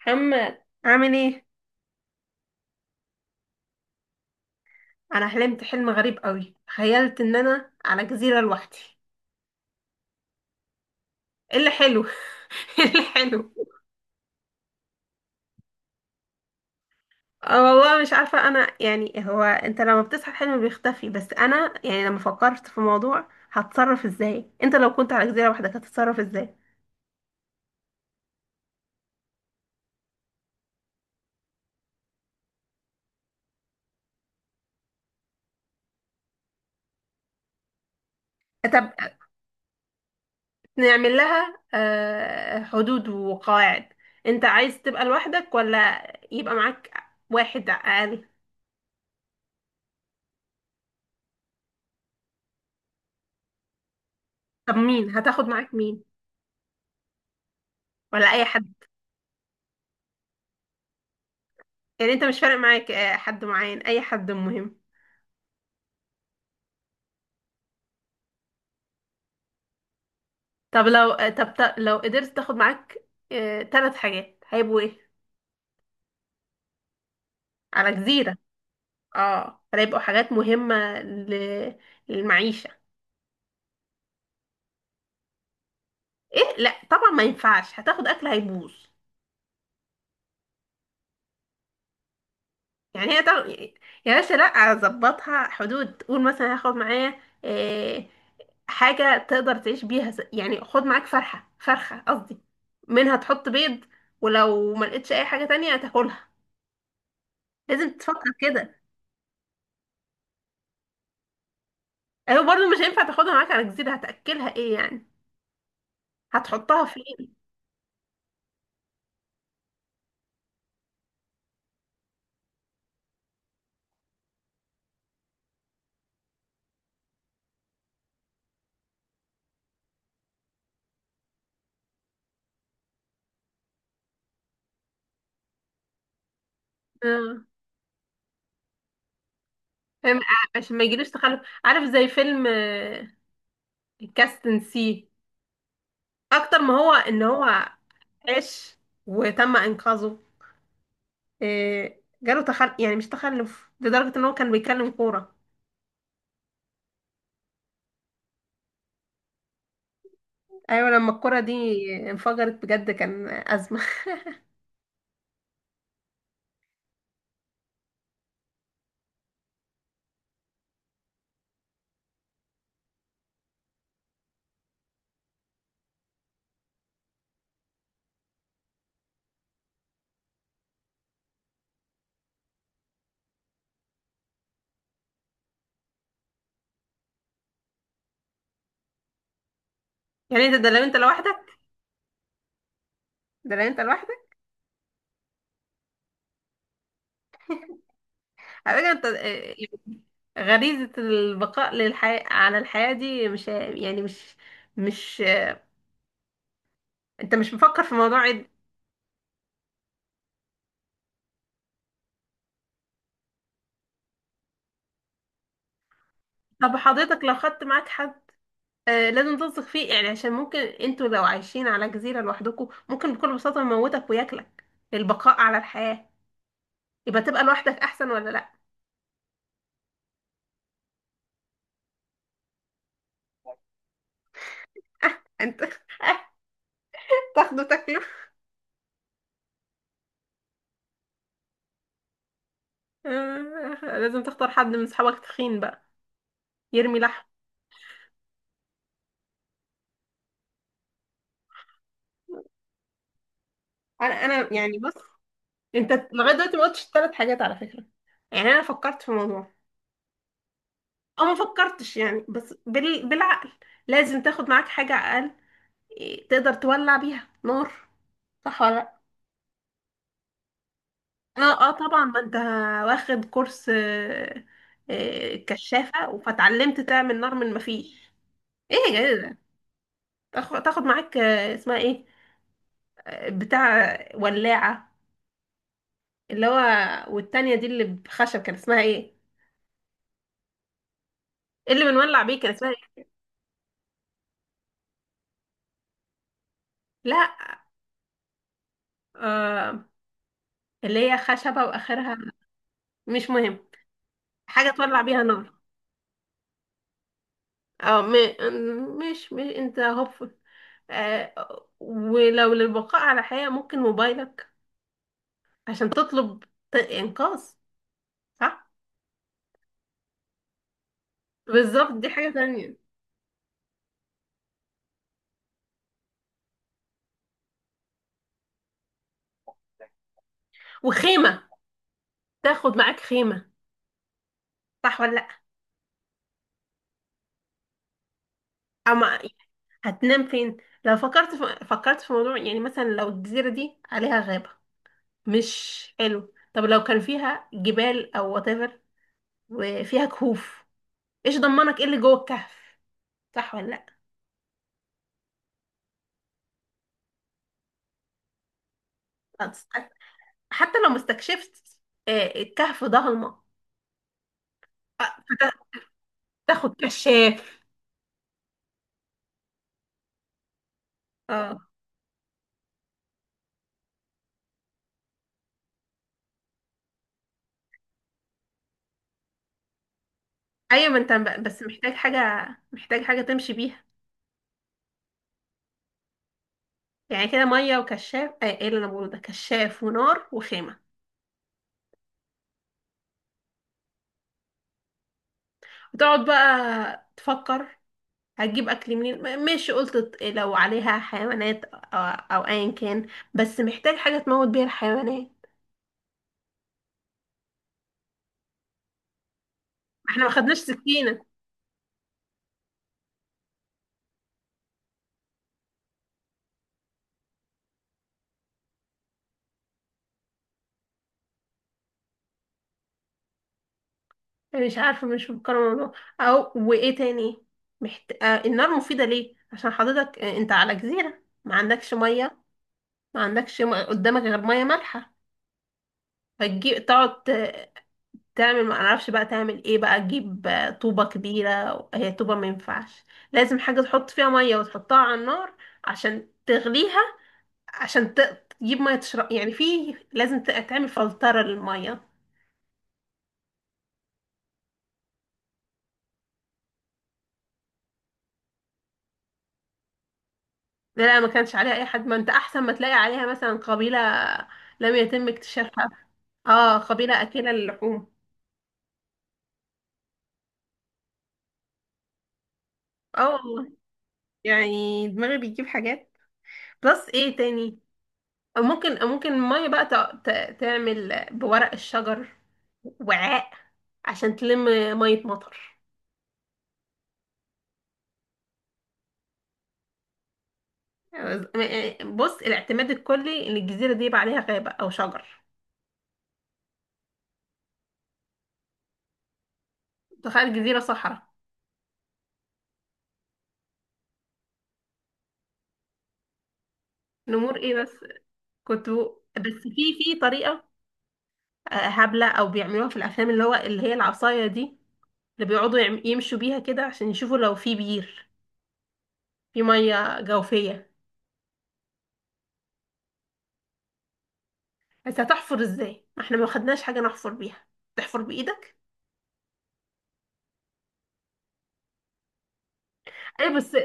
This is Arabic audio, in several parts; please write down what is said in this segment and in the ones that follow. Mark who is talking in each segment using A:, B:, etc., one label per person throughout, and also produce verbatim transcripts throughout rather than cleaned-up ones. A: محمد عامل ايه؟ انا حلمت حلم غريب قوي، تخيلت ان انا على جزيره لوحدي. ايه اللي حلو ايه اللي حلو؟ آه والله مش عارفه، انا يعني هو انت لما بتصحى الحلم بيختفي، بس انا يعني لما فكرت في موضوع هتصرف ازاي، انت لو كنت على جزيره لوحدك هتتصرف ازاي؟ طب نعمل لها آه، حدود وقواعد. انت عايز تبقى لوحدك ولا يبقى معاك واحد اقل؟ طب مين هتاخد معاك؟ مين؟ ولا اي حد؟ يعني انت مش فارق معاك آه، حد معين؟ اي حد مهم. طب لو آه، طب ت- لو قدرت تاخد معاك ثلاث حاجات هيبقوا ايه؟ على جزيرة. اه، فهيبقوا حاجات مهمة ل- للمعيشة. ايه؟ لا طبعا ما ينفعش، هتاخد اكل هيبوظ. يعني هي طبعا، يا باشا لا، اظبطها حدود، قول مثلا هاخد معايا آه، حاجة تقدر تعيش بيها، س- يعني خد معاك فرحة فرخة قصدي، منها تحط بيض، ولو ما لقيتش اي حاجة تانية هتاكلها، لازم تفكر كده. هو برضه مش هينفع تاخدها معاك على جزيرة، هتأكلها ايه يعني؟ هتحطها فين؟ اه فاهم؟ ع- عشان ما يجيلوش تخلف، عارف زي فيلم كاستن سي، اكتر ما هو ان هو عاش وتم انقاذه، آه، جاله تخلف، يعني مش تخلف لدرجة ان هو كان بيكلم كورة. ايوه لما الكورة دي انفجرت بجد كان ازمة. يعني ده, ده لو انت لوحدك. ده لو انت لوحدك. على فكرة انت آه، يعني غريزة البقاء للحياة، على الحياة دي، مش يعني مش مش انت مش مفكر في موضوع عد. طب حضرتك لو خدت معاك حد آه لازم تثق فيه، يعني عشان ممكن انتوا لو عايشين على جزيرة لوحدكم ممكن بكل بساطة يموتك وياكلك للبقاء على الحياة. يبقى تبقى لوحدك احسن ولا لا؟ آه انت، آه، تاخده تاكله. آه لازم تختار حد من صحابك تخين بقى، يرمي لحم. انا انا يعني بص، انت لغاية دلوقتي ما قلتش الثلاث حاجات على فكرة. يعني انا فكرت في الموضوع او ما فكرتش يعني، بس بال... بالعقل لازم تاخد معاك حاجة اقل، إيه، تقدر تولع بيها نار. صح ولا لا؟ اه اه طبعا ما انت واخد كورس آه، آه، كشافة فاتعلمت تعمل نار من مفيش. ايه يا جدع ده، تاخ- تاخد معاك آه، اسمها ايه، آه، بتاع ولاعة، اللي هو، والتانية دي اللي بخشب كان اسمها ايه؟ اللي بنولع بيه كان اسمها ايه؟ لا آه، اللي هي خشبة واخرها، مش مهم. حاجة تولع بيها نار. اه م- مش مش انت هوب. آه، ولو للبقاء على حياة ممكن موبايلك عشان تطلب ت- إنقاذ. صح؟ بالظبط دي حاجة تانية. وخيمة، تاخد معاك خيمة. صح ولا لأ؟ أما هتنام فين؟ لو فكرت في فكرت في موضوع، يعني مثلا لو الجزيرة دي عليها غابة مش حلو، طب لو كان فيها جبال أو whatever وفيها كهوف، إيش ضمنك إيه اللي جوه الكهف؟ صح ولا لأ؟ هتس- حتى لو ما استكشفت آه، الكهف ضلمة. آه، فت- تاخد كشاف. اه ايوه ما انت ب- بس محتاج حاجه محتاج حاجه تمشي بيها. يعني كده ميه وكشاف، آه، ايه اللي انا بقوله ده، كشاف ونار وخيمه، وتقعد بقى تفكر هتجيب اكل منين، م- ماشي قلت ت- لو عليها حيوانات او, أو ايا كان، بس محتاج حاجه تموت بيها الحيوانات. احنا ما خدناش سكينه. يعني مش عارفه، مش مفكره الموضوع. او وايه تاني؟ محت... آه النار مفيده ليه؟ عشان حضرتك آه، انت على جزيره ما عندكش ميه. ما عندكش م- قدامك غير ميه مالحه. فتجيب تقعد ت- تعمل ما اعرفش بقى تعمل ايه بقى، تجيب آه، طوبة كبيرة. هي طوبة ما ينفعش، لازم حاجة تحط فيها مية وتحطها على النار عشان تغليها، عشان ت- تجيب مية تشرب يعني، في لازم ت- تعمل فلترة للمية. لا ما كانش عليها اي حد، ما انت احسن ما تلاقي عليها مثلا قبيلة لم يتم اكتشافها. اه قبيلة اكلة للحوم. اه والله يعني دماغي بيجيب حاجات. بلس ايه تاني. أو ممكن أو ممكن المية بقى تع- تع- تعمل بورق الشجر وعاء، عشان تلم مية مطر. يعني بص، الاعتماد الكلي ان الجزيرة دي يبقى عليها غابة او شجر. تخيل جزيرة صحراء. نمور ايه بس؟ كنت، بس في في طريقة آه، هبلة او بيعملوها في الافلام اللي هو اللي هي العصاية دي، اللي بيقعدوا يعم- يمشوا بيها كده عشان يشوفوا لو في بير، في مية جوفية. بس هتحفر ازاي ما احنا ما خدناش حاجة نحفر بيها؟ تحفر بايدك. ايه بس،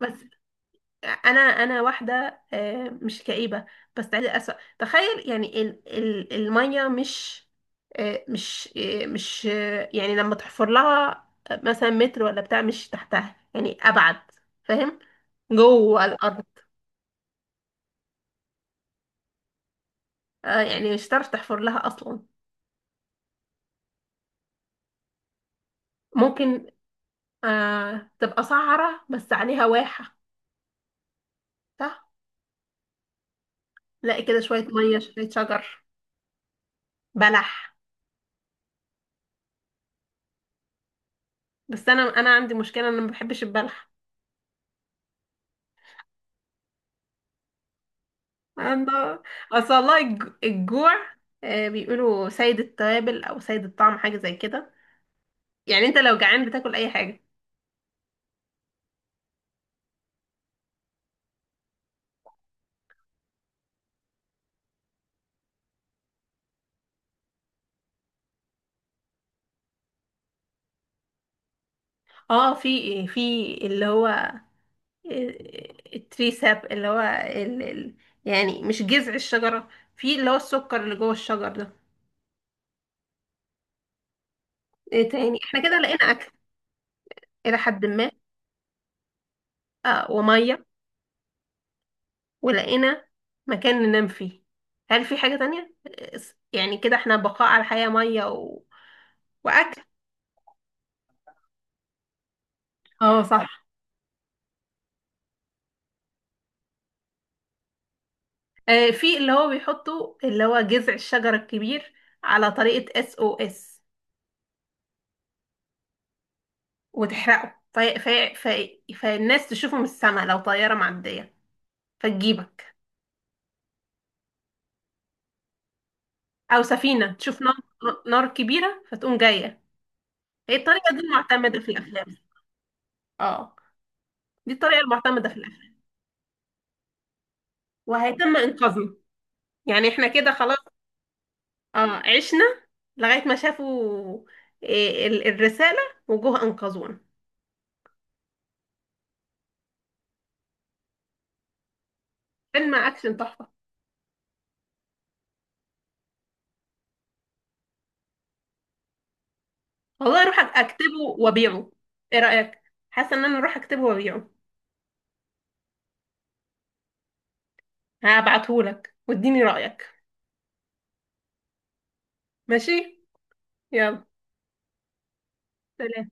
A: بس انا انا واحده آه، مش كئيبه بس عايزه اسوء تخيل، يعني ال ال الميه مش، آه، مش آه، مش آه، يعني لما تحفر لها آه، مثلا متر ولا بتاع، مش تحتها يعني ابعد. فاهم؟ جوه الارض، آه، يعني مش هتعرف تحفر لها اصلا. ممكن آه، تبقى صحراء بس عليها واحه، صح، تلاقي كده شويه ميه شويه شجر بلح. بس انا انا عندي مشكله، انا ما بحبش البلح. الله، اصل والله الج- الجوع آه، بيقولوا سيد التوابل او سيد الطعم حاجه زي كده. يعني انت لو جعان بتاكل اي حاجه. اه في إيه؟ في اللي هو آه، التريساب اللي هو ال... ال... يعني مش جذع الشجره، في اللي هو السكر اللي جوه الشجر ده. ايه تاني، احنا كده لقينا اكل الى حد ما. اه وميه، ولقينا مكان ننام فيه. هل في حاجه تانية آه، يعني كده احنا بقاء على الحياه، ميه و... واكل. اه صح، آه، في اللي هو بيحطوا اللي هو جذع الشجرة الكبير على طريقة اس او اس، وتحرقه في في في فالناس تشوفه من السماء لو طيارة معدية فتجيبك. أو سفينة تشوف نار، نار كبيرة فتقوم جاية. هي الطريقة دي المعتمدة في الأفلام. اه دي الطريقة المعتمدة في الأفلام، وهيتم إنقاذنا. يعني احنا كده خلاص، اه، عشنا لغاية ما شافوا آه، ال- الرسالة وجوه أنقذونا. فيلم أكشن تحفة. والله اروح اكتبه وابيعه. ايه رايك؟ حاسه ان انا اروح اكتبه وابيعه. هبعتهولك واديني رايك. ماشي. يلا سلام.